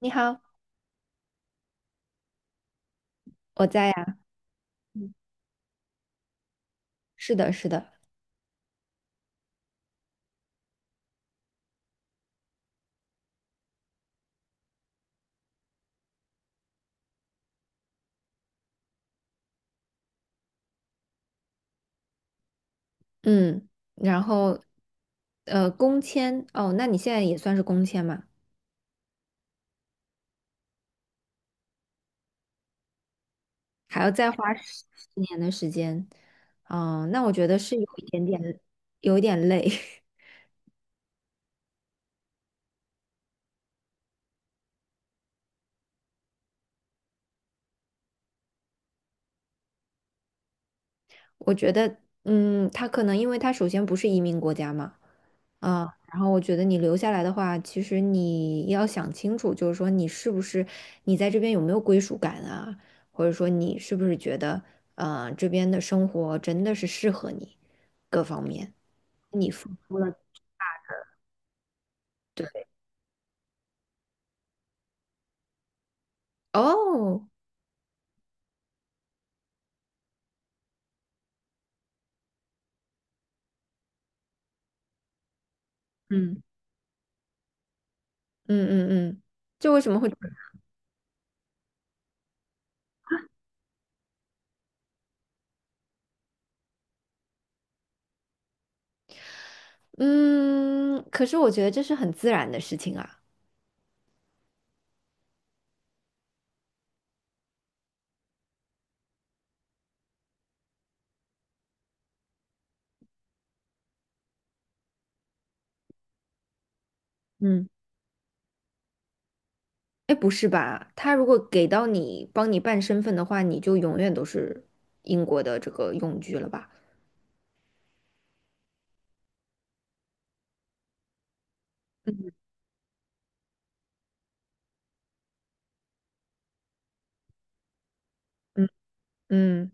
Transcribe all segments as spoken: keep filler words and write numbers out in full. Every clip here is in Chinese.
你好，我在呀。嗯，是的，是的。嗯，然后，呃，工签。哦，那你现在也算是工签嘛？还要再花十十年的时间。嗯，那我觉得是有一点点，有一点累。我觉得，嗯，他可能因为他首先不是移民国家嘛。啊，然后我觉得你留下来的话，其实你要想清楚。就是说你是不是你在这边有没有归属感啊，或者说你是不是觉得，呃，这边的生活真的是适合你各方面。除了。对，哦，嗯，嗯嗯嗯。就为什么会？嗯，可是我觉得这是很自然的事情啊。嗯。哎，不是吧？他如果给到你帮你办身份的话，你就永远都是英国的这个永居了吧？嗯嗯嗯。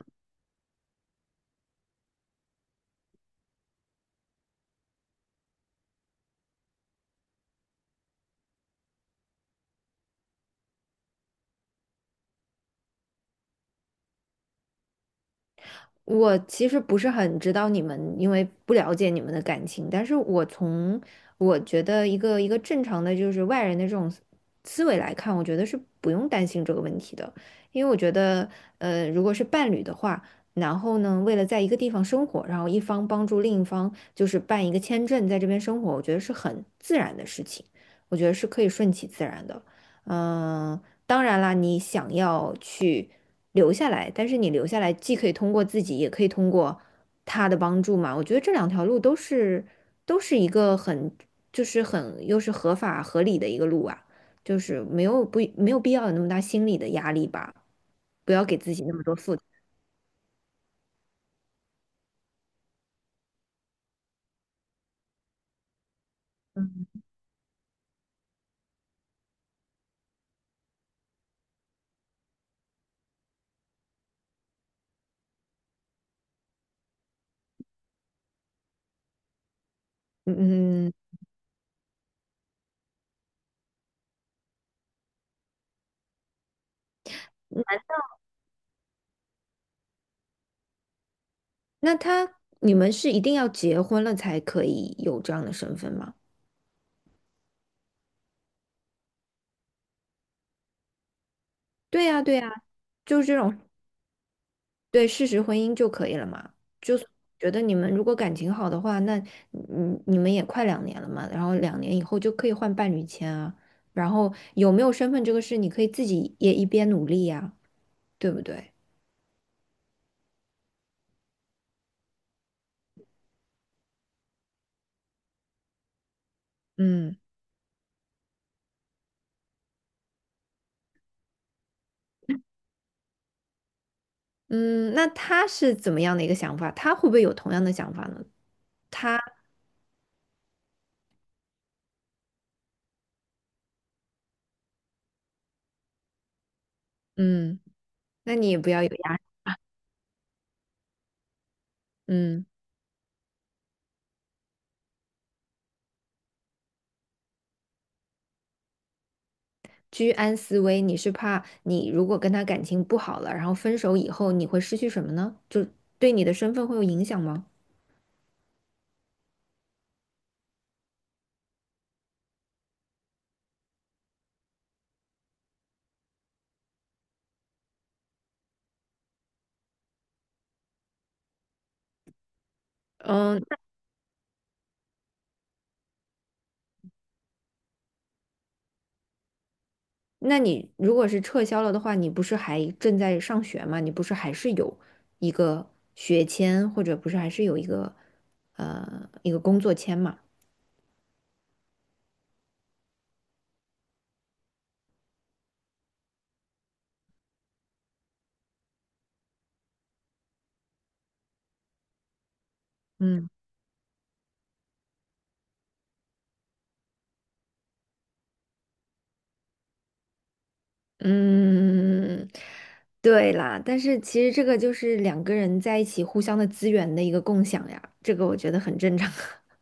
我其实不是很知道你们，因为不了解你们的感情，但是我从我觉得一个一个正常的就是外人的这种思思维来看，我觉得是不用担心这个问题的。因为我觉得，呃，如果是伴侣的话，然后呢，为了在一个地方生活，然后一方帮助另一方就是办一个签证，在这边生活，我觉得是很自然的事情。我觉得是可以顺其自然的。嗯、当然啦，你想要去留下来，但是你留下来既可以通过自己，也可以通过他的帮助嘛。我觉得这两条路都是都是一个很就是很又是合法合理的一个路啊，就是没有不没有必要有那么大心理的压力吧，不要给自己那么多负担。嗯嗯，那那他你们是一定要结婚了才可以有这样的身份吗？对呀对呀，就是这种对事实婚姻就可以了嘛。就是觉得你们如果感情好的话，那你你们也快两年了嘛，然后两年以后就可以换伴侣签啊。然后有没有身份这个事，你可以自己也一边努力呀，对不对？嗯嗯，那他是怎么样的一个想法？他会不会有同样的想法呢？他嗯，那你也不要有压力。嗯，居安思危，你是怕你如果跟他感情不好了，然后分手以后你会失去什么呢？就对你的身份会有影响吗？嗯，那你如果是撤销了的话，你不是还正在上学吗？你不是还是有一个学签，或者不是还是有一个呃一个工作签嘛？嗯，嗯，对啦，但是其实这个就是两个人在一起互相的资源的一个共享呀，这个我觉得很正常。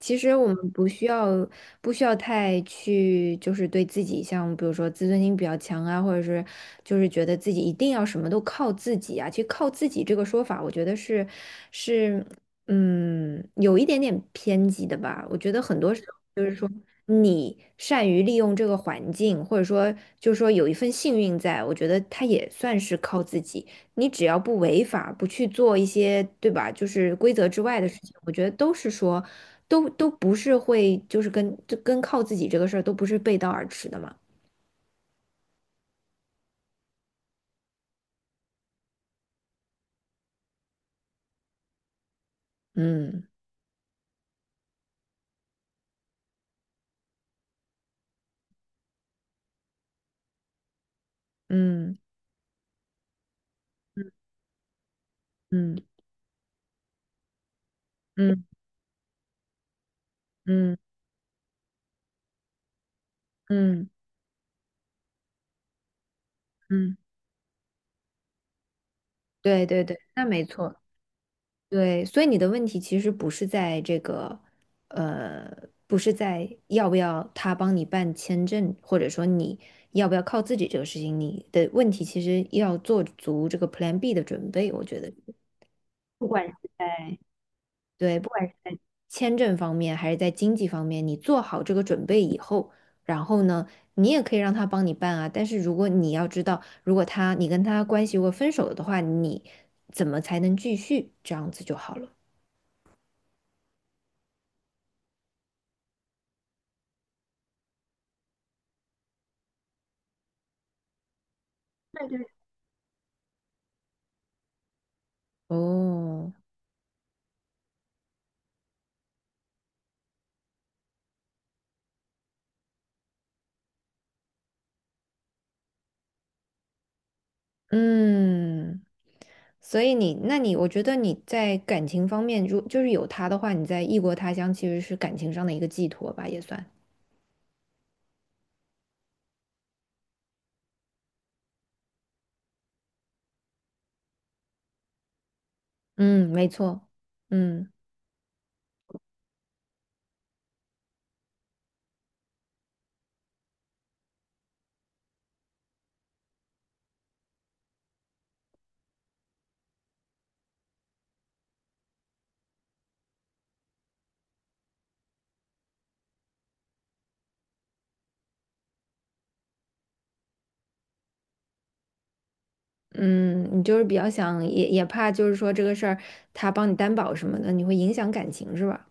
其实我们不需要不需要太去，就是对自己像比如说自尊心比较强啊，或者是就是觉得自己一定要什么都靠自己啊。其实靠自己这个说法，我觉得是是嗯有一点点偏激的吧。我觉得很多时候就是说你善于利用这个环境，或者说就是说有一份幸运在，我觉得他也算是靠自己。你只要不违法，不去做一些，对吧？就是规则之外的事情，我觉得都是说，都都不是会，就是跟就跟靠自己这个事儿都不是背道而驰的嘛。嗯嗯嗯嗯嗯嗯嗯，对对对，那没错，对。所以你的问题其实不是在这个，呃，不是在要不要他帮你办签证，或者说你要不要靠自己这个事情，你的问题其实要做足这个 Plan B 的准备，我觉得。不管是在对，不管是在签证方面还是在经济方面，你做好这个准备以后，然后呢，你也可以让他帮你办啊。但是如果你要知道，如果他你跟他关系如果分手了的话，你怎么才能继续？这样子就好了。对对哦，嗯，所以你，那你，我觉得你在感情方面，如就是有他的话，你在异国他乡其实是感情上的一个寄托吧，也算。嗯，没错。嗯。嗯，你就是比较想，也也怕就是说这个事儿他帮你担保什么的，你会影响感情是吧？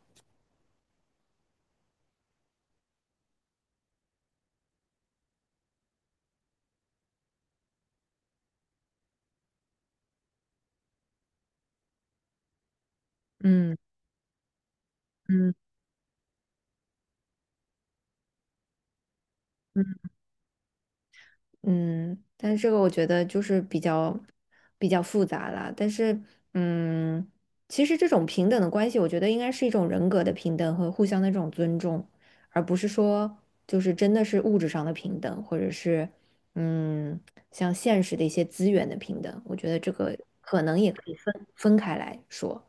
嗯嗯嗯，但是这个我觉得就是比较比较复杂啦。但是，嗯，其实这种平等的关系，我觉得应该是一种人格的平等和互相的这种尊重，而不是说就是真的是物质上的平等，或者是嗯，像现实的一些资源的平等。我觉得这个可能也可以分分开来说，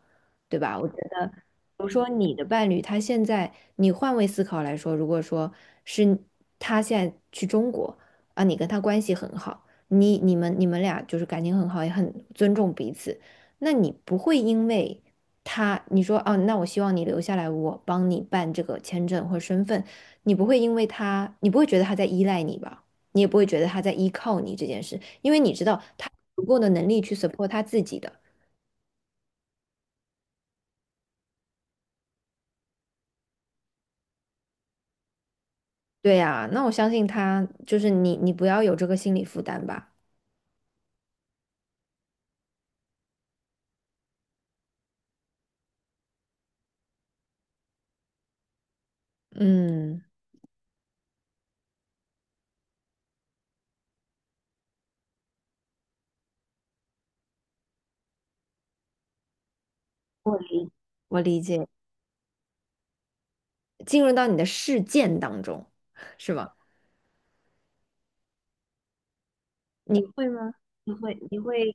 对吧？我觉得，比如说你的伴侣，他现在你换位思考来说，如果说是他现在去中国。啊，你跟他关系很好，你你们你们俩就是感情很好，也很尊重彼此，那你不会因为他你说哦，那我希望你留下来，我帮你办这个签证或身份，你不会因为他，你不会觉得他在依赖你吧？你也不会觉得他在依靠你这件事，因为你知道他有足够的能力去 support 他自己的。对呀，那我相信他，就是你，你不要有这个心理负担吧。嗯，我我理解，进入到你的事件当中，是吗？你会吗？你会，你会，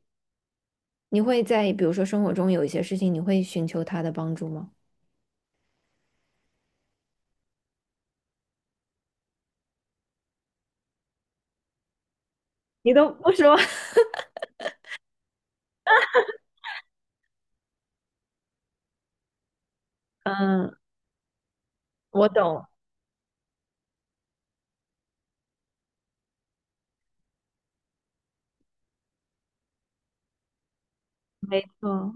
你会在比如说生活中有一些事情，你会寻求他的帮助吗？你都不说，嗯，我懂，没错，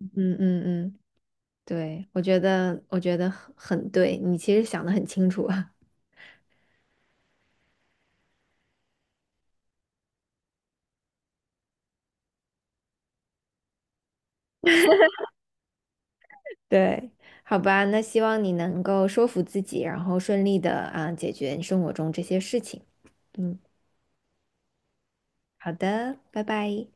嗯嗯嗯，对，我觉得，我觉得很很对，你其实想的很清楚啊，对，好吧，那希望你能够说服自己，然后顺利的啊解决你生活中这些事情，嗯，好的，拜拜。